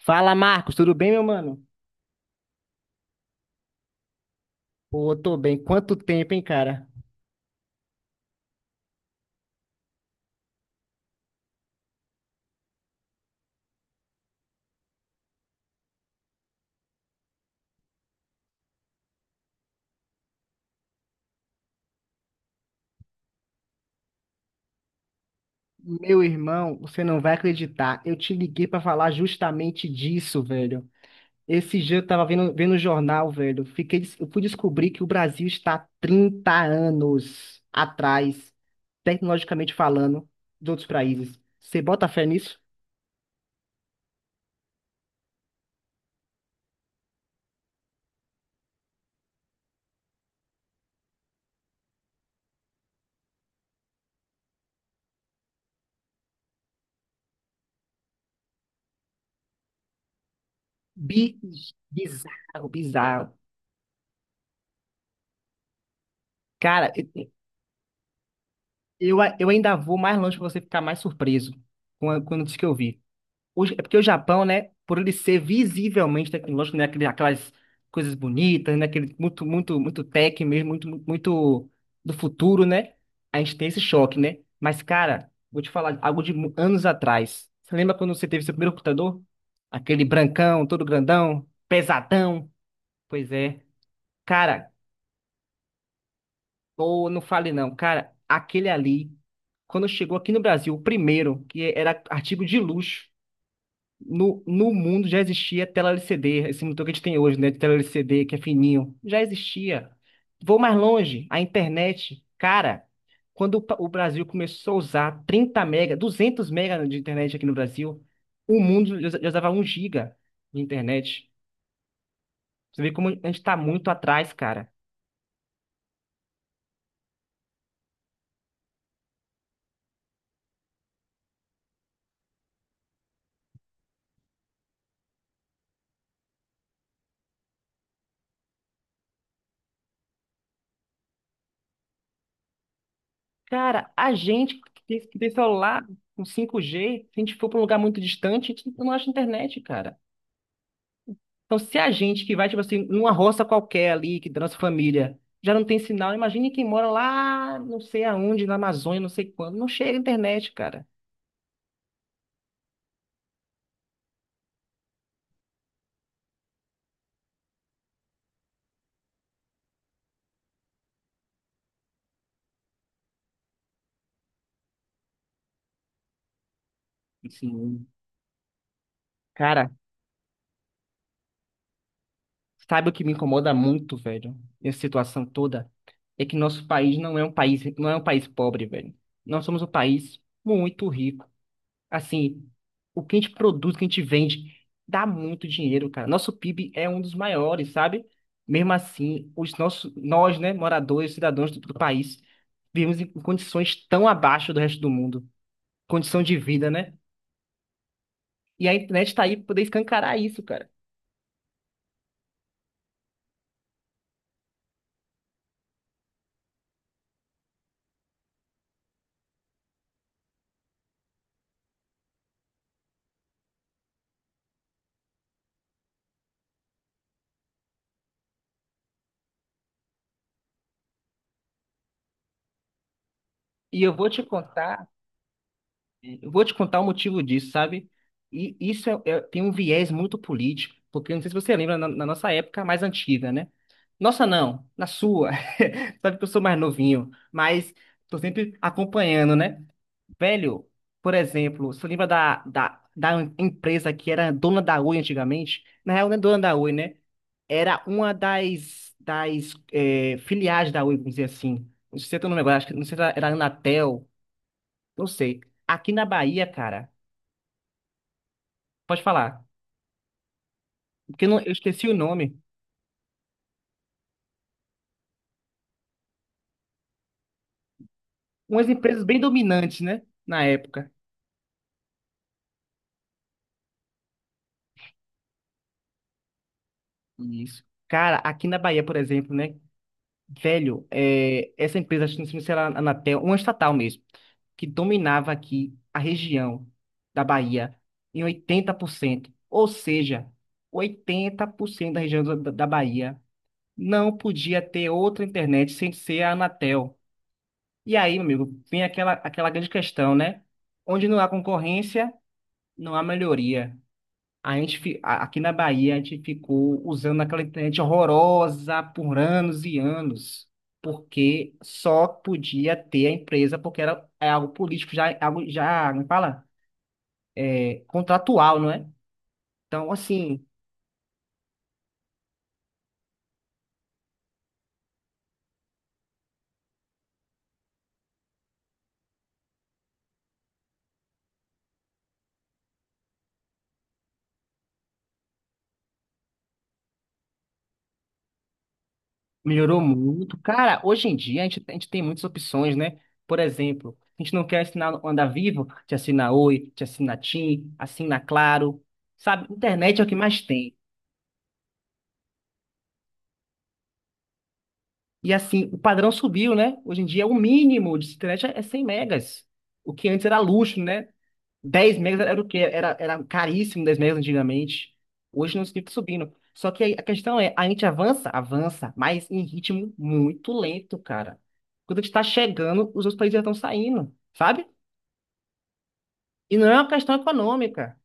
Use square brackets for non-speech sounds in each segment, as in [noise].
Fala, Marcos, tudo bem, meu mano? Pô, tô bem. Quanto, cara? Meu irmão, você não vai acreditar. Eu te liguei pra falar justamente disso, velho. Esse dia eu tava vendo o jornal, velho. Eu fui descobrir que o Brasil está 30 anos atrás, tecnologicamente falando, dos outros países. Você bota fé nisso? Bi- Bizarro, bizarro. Cara, eu, eu ainda vou mais longe pra você ficar mais surpreso com quando diz que eu vi. É porque o Japão, né, por ele ser visivelmente tecnológico, né, aquelas coisas bonitas, né, aquele muito, muito, muito tech mesmo, muito, muito, muito do futuro, né, a gente tem esse choque, né? Mas, cara, vou te falar algo de anos atrás. Você lembra quando você teve seu primeiro computador? Aquele brancão, todo grandão, pesadão? Pois é. Cara, ou não fale não, cara, aquele ali, quando chegou aqui no Brasil, o primeiro, que era artigo de luxo, no mundo já existia tela LCD, esse monitor que a gente tem hoje, né? De tela LCD, que é fininho. Já existia. Vou mais longe, a internet. Cara, quando o Brasil começou a usar 30 mega, 200 mega de internet aqui no Brasil, o mundo já usava um giga de internet. Você vê como a gente tá muito atrás, cara. Cara, a gente que tem celular com 5G, se a gente for para um lugar muito distante, a gente não acha internet, cara. Então, se a gente que vai, tipo assim, numa roça qualquer ali, que da nossa família, já não tem sinal, imagine quem mora lá, não sei aonde, na Amazônia, não sei quando, não chega a internet, cara. Sim. Cara, sabe o que me incomoda muito, velho, nessa situação toda? É que nosso país não é um país pobre, velho. Nós somos um país muito rico. Assim, o que a gente produz, o que a gente vende, dá muito dinheiro, cara. Nosso PIB é um dos maiores, sabe? Mesmo assim, nós, né, moradores, cidadãos do país, vivemos em condições tão abaixo do resto do mundo. Condição de vida, né? E a internet tá aí para poder escancarar isso, cara. E eu vou te contar Eu vou te contar o motivo disso, sabe? E isso tem um viés muito político, porque não sei se você lembra na nossa época mais antiga, né? Nossa, não, na sua. [laughs] Sabe que eu sou mais novinho, mas tô sempre acompanhando, né? Velho, por exemplo, você lembra da empresa que era dona da Oi antigamente? Na real, não é dona da Oi, né? Era uma das filiais da Oi, vamos dizer assim. Não sei se eu tô no negócio, acho que não sei se era a Anatel, não sei. Aqui na Bahia, cara. Pode falar. Porque eu não- Eu esqueci o nome. Umas empresas bem dominantes, né? Na época. Isso. Cara, aqui na Bahia, por exemplo, né? Velho, é, essa empresa, acho que não sei se era a Anatel, uma estatal mesmo, que dominava aqui a região da Bahia em 80%. Ou seja, 80% da região da Bahia não podia ter outra internet sem ser a Anatel. E aí, meu amigo, vem aquela grande questão, né? Onde não há concorrência, não há melhoria. A gente, fi- a- Aqui na Bahia, a gente ficou usando aquela internet horrorosa por anos e anos, porque só podia ter a empresa, porque era, é algo político, já, é algo, já, não fala? É contratual, não é? Então, assim, melhorou muito. Cara, hoje em dia a gente tem muitas opções, né? Por exemplo, a gente não quer assinar o Anda Vivo, te assina Oi, te assina TIM, assina Claro, sabe? Internet é o que mais tem. E assim, o padrão subiu, né? Hoje em dia, o mínimo de internet é 100 megas. O que antes era luxo, né? 10 megas era o quê? Era caríssimo 10 megas antigamente. Hoje não fica subindo. Só que aí a questão é, a gente avança, mas em ritmo muito lento, cara. Quando a gente tá chegando, os outros países já estão saindo, sabe? E não é uma questão econômica.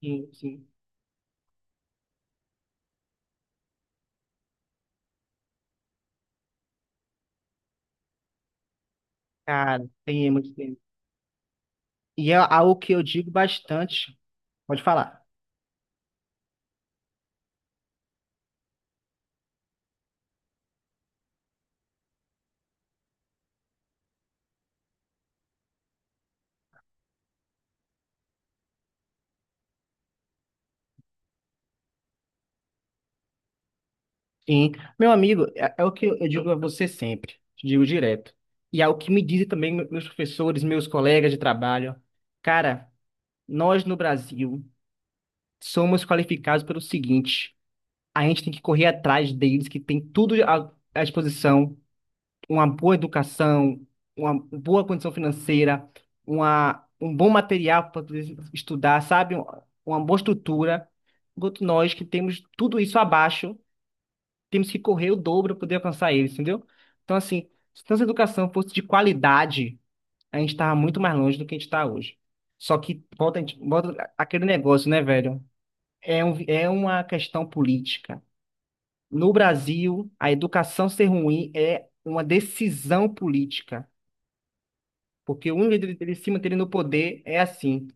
Sim, sim. Cara, tem muito tempo. E é algo que eu digo bastante. Pode falar. Sim, meu amigo, é o que eu digo a você sempre, te digo direto. E é o que me dizem também meus professores, meus colegas de trabalho. Cara, nós no Brasil somos qualificados pelo seguinte: a gente tem que correr atrás deles, que tem tudo à disposição, uma boa educação, uma boa condição financeira, um bom material para poder estudar, sabe? Uma boa estrutura. Enquanto nós que temos tudo isso abaixo temos que correr o dobro para poder alcançar eles, entendeu? Então, assim, se nossa educação fosse de qualidade, a gente estava muito mais longe do que a gente está hoje. Só que volta, volta aquele negócio, né, velho? É uma questão política. No Brasil, a educação ser ruim é uma decisão política. Porque o único jeito dele se manter no poder é assim.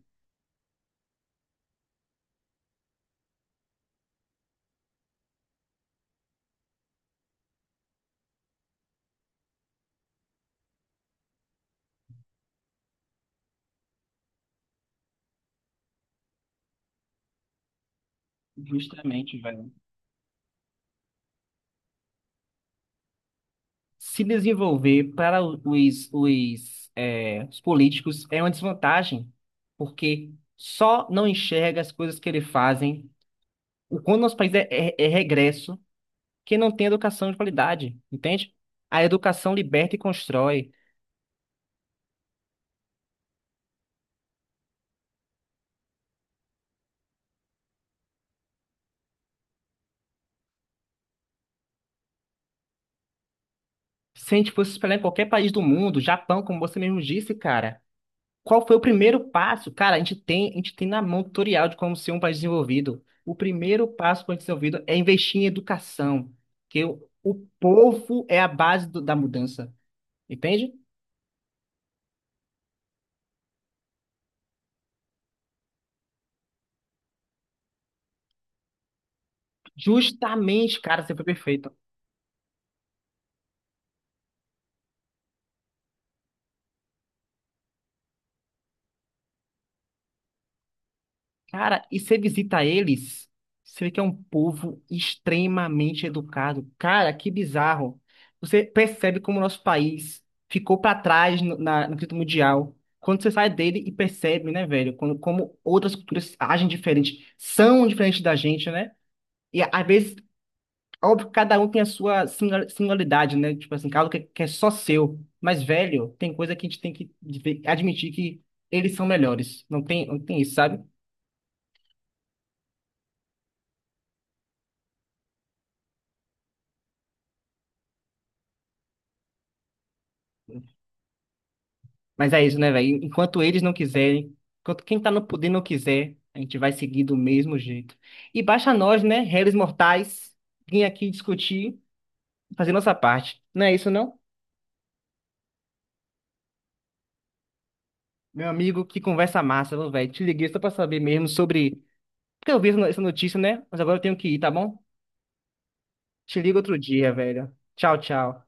Justamente, velho. Se desenvolver para os políticos é uma desvantagem, porque só não enxerga as coisas que eles fazem. O quando nosso país é regresso, que não tem educação de qualidade, entende? A educação liberta e constrói. Se a gente fosse espelhar em qualquer país do mundo, Japão, como você mesmo disse, cara. Qual foi o primeiro passo? Cara, a gente tem na mão tutorial de como ser um país desenvolvido. O primeiro passo para o país desenvolvido é investir em educação, que o povo é a base da mudança, entende? Justamente, cara, você foi perfeito. Cara, e você visita eles, você vê que é um povo extremamente educado. Cara, que bizarro. Você percebe como o nosso país ficou para trás no quesito mundial. Quando você sai dele e percebe, né, velho, quando, como outras culturas agem diferente, são diferentes da gente, né? E às vezes, óbvio, cada um tem a sua singularidade, né? Tipo assim, algo que é só seu. Mas, velho, tem coisa que a gente tem que admitir que eles são melhores. Não tem isso, sabe? Mas é isso, né, velho? Enquanto eles não quiserem, enquanto quem tá no poder não quiser, a gente vai seguir do mesmo jeito. E baixa a nós, né, réis mortais, vir aqui discutir, fazer nossa parte. Não é isso, não? Meu amigo, que conversa massa, viu, velho. Te liguei só pra saber mesmo sobre. Porque eu vi essa no- essa notícia, né? Mas agora eu tenho que ir, tá bom? Te ligo outro dia, velho. Tchau, tchau.